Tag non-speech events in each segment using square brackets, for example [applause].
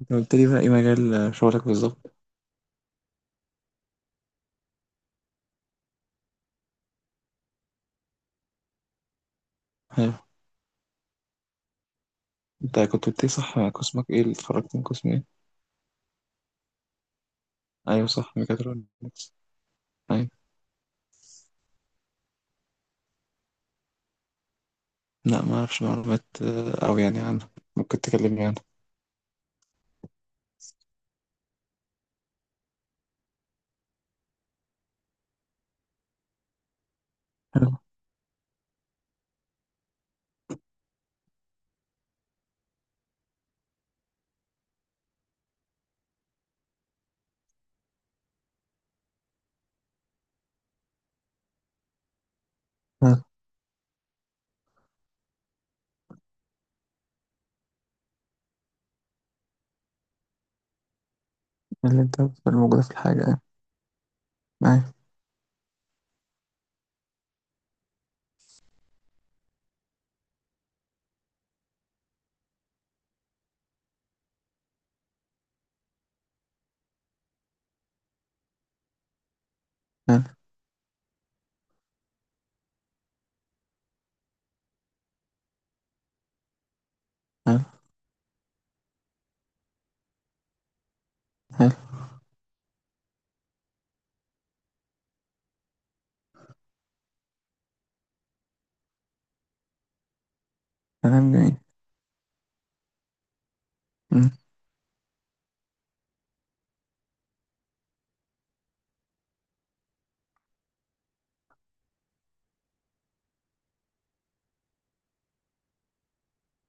انت قلت لي بقى ايه مجال شغلك بالظبط؟ حلو. انت كنت قلت لي صح، قسمك ايه؟ اللي اتخرجت من قسم ايه؟ ايوه صح، ميكاترونكس. ايوه. لا ما اعرفش معلومات او يعني عنه. ممكن تكلمني عنه؟ حلو. حلو. اللي انت الموجودة في الحاجة يعني. ايوه. حلو. حلو. حلو. كلام جميل. أمم.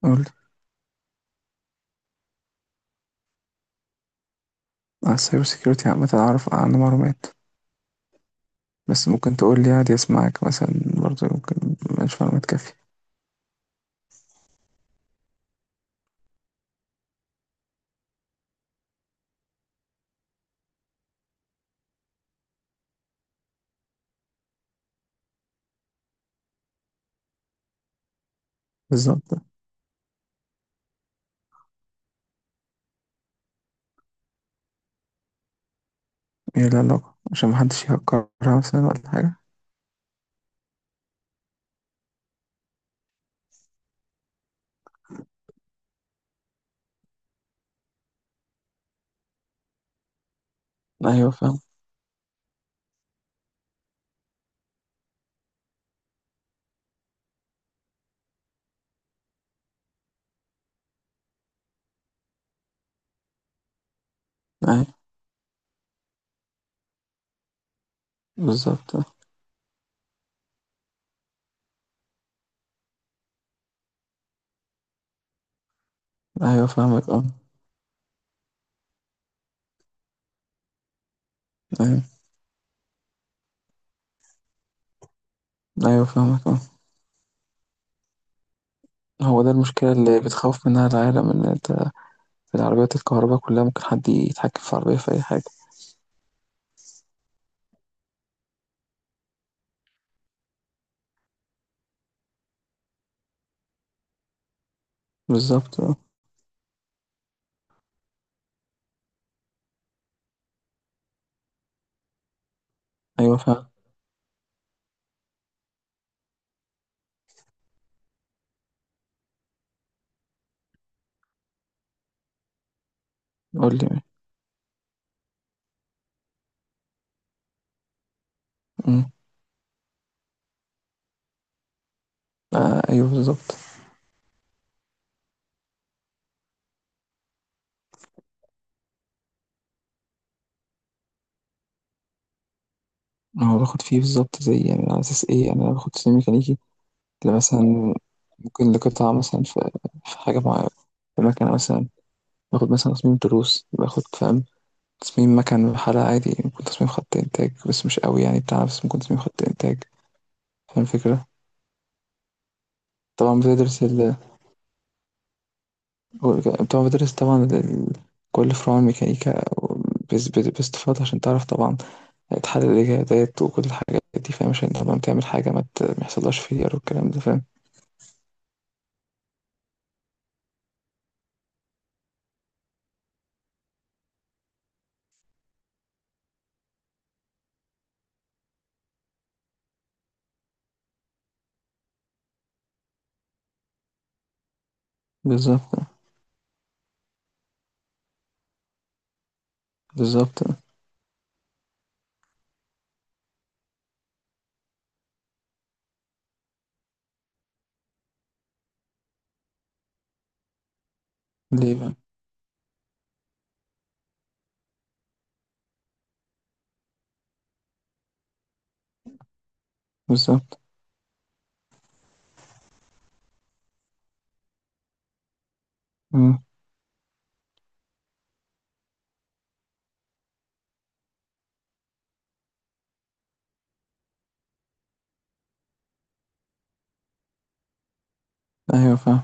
قول لي على السايبر سيكيورتي عامة، اعرف عنه معلومات بس ممكن تقول لي عادي، اسمعك مثلا برضه ممكن، مش معلومات كافية. بالظبط. ايه العلاقة عشان محدش يهكرها مثلا ولا حاجة؟ ايوه فاهم. بالضبط آه. أيوه فاهمك أيوه. أيوه فاهمك آه. هو ده المشكلة اللي بتخوّف منها العالم، إن أنت في العربيات الكهربا كُلّها ممكن حد يتحكّم في العربية في أي حاجة. بالضبط آه. أيوه فعلًا. قُل لي. إمم. أيوه بالضبط. ما هو باخُد فيه بالضبط زي يعني، على أساس إيه، يعني أنا باخُد سيّ ميكانيكي لمثلًا، ممكن لقطعة مثلًا في في حاجة معيّنة، في ماكينة مثلًا، باخُد مثلًا تصميم تروس، باخُد فاهم، تصميم مَكَن وحَلَق عادي، ممكن تصميم خَط إنتاج بس مش أوي يعني بتاع، بس ممكن تصميم خَط إنتاج. فاهم الفكرة؟ طبعا بتدرس ال، طبعا بتدرس طبعا ال-، كل فروع الميكانيكا، باستفاضة عشان تعرف طبعا تحلل الإجابات وكل الحاجات دي فاهم، عشان طبعا تعمل حاجة ما يحصلهاش فيلير والكلام ده فاهم. بالظبط. بالظبط. ليه بقى؟ بالظبط. مم. أيوه فاهم.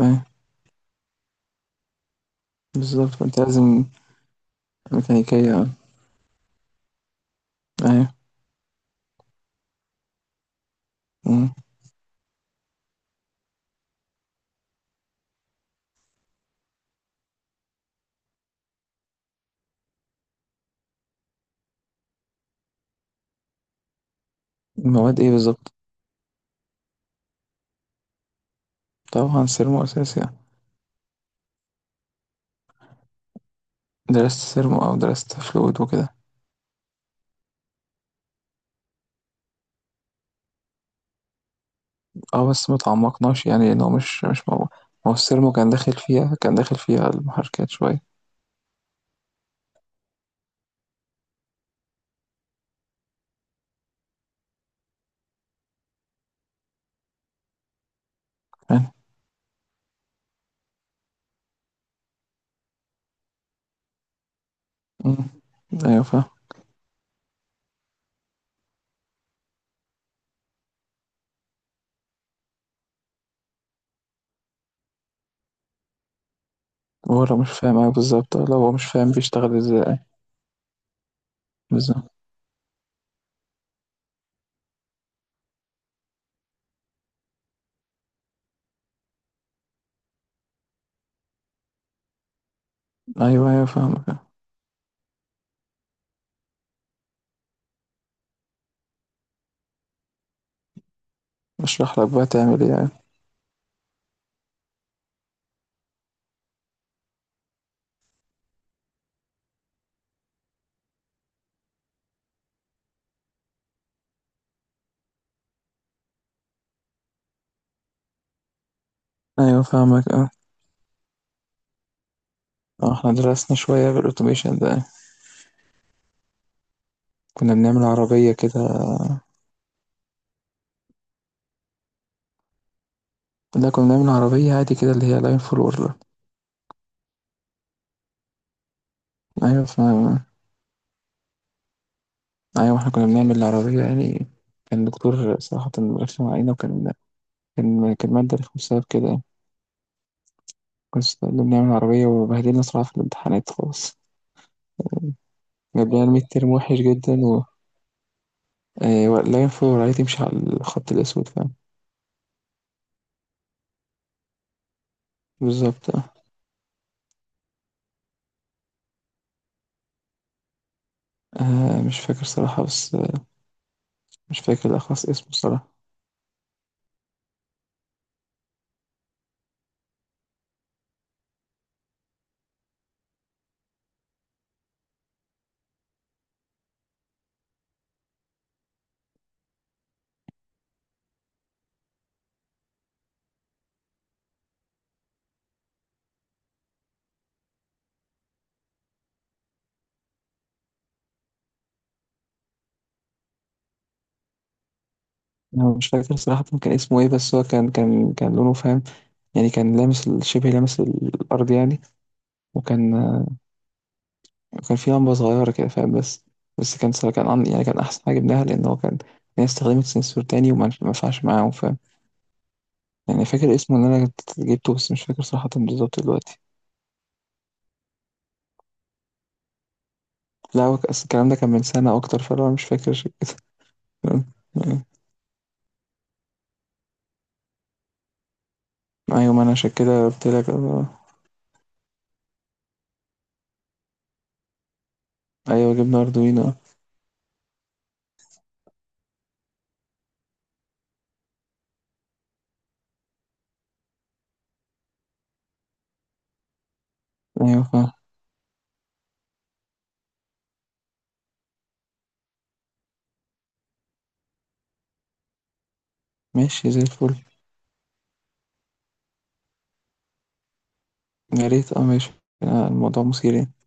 أيوه بالظبط، أنت لازم ميكانيكية. أيوه. مم. المواد إيه بالظبط؟ طبعا سيرمو أساسي. درست سيرمو أو درست فلويد وكده. اه بس ما تعمقناش يعني، لأنه مش مش موضوع. ما هو السيرمو كان داخل فيها، كان داخل فيها المحركات شوية. فاهم. مم. أيوة فاهم. هو لو مش فاهم، أيوة بالظبط، لو هو مش فاهم بيشتغل ازاي؟ بالظبط. أيوة أيوة فاهمك. بشرح لك بقى تعمل ايه يعني؟ أيوة فاهمك اه. احنا درسنا شوية في الأوتوميشن ده. كنا بنعمل عربية كده. لا كنا بنعمل عربية عادي كده، اللي هي لاين فور وورلر. أيوة فاهم. أيوة احنا كنا بنعمل العربية يعني، كان الدكتور صراحة رخم علينا، وكان كان كان مادة رخمة بسبب كده يعني. كنت اللي بنعمل عربية وبهدلنا صراحة في الامتحانات خالص. جاب لنا الميد تيرم وحش جدا لا ينفع العيال تمشي على الخط الأسود فاهم. بالظبط اه. مش فاكر صراحة بس مش فاكر الأخص اسمه صراحة. أنا مش فاكر صراحة كان اسمه إيه، بس هو كان كان كان لونه فاهم، يعني كان لامس ال-، شبه لامس الأرض يعني. وكان آه، وكان في لمبة صغيرة كده فاهم، بس بس كان صراحة يعني كان أحسن حاجة جبناها لأن هو كان. الناس استخدمت سنسور تاني وما ما ينفعش معاهم يعني. فاكر اسمه اللي انا كنت جبته، بس مش فاكر صراحة بالظبط دلوقتي. لا هو أصل الكلام ده كان من سنة اكتر، فانا مش فاكر عشان كده. [laughs] فاهم؟ ايوه. ما انا عشان كده قلت لك آه. ايوه جبنا اردوينو. ايوه فاهم. ماشي زي الفل. يا ريت اه، ماشي. آه، الموضوع مثير يعني.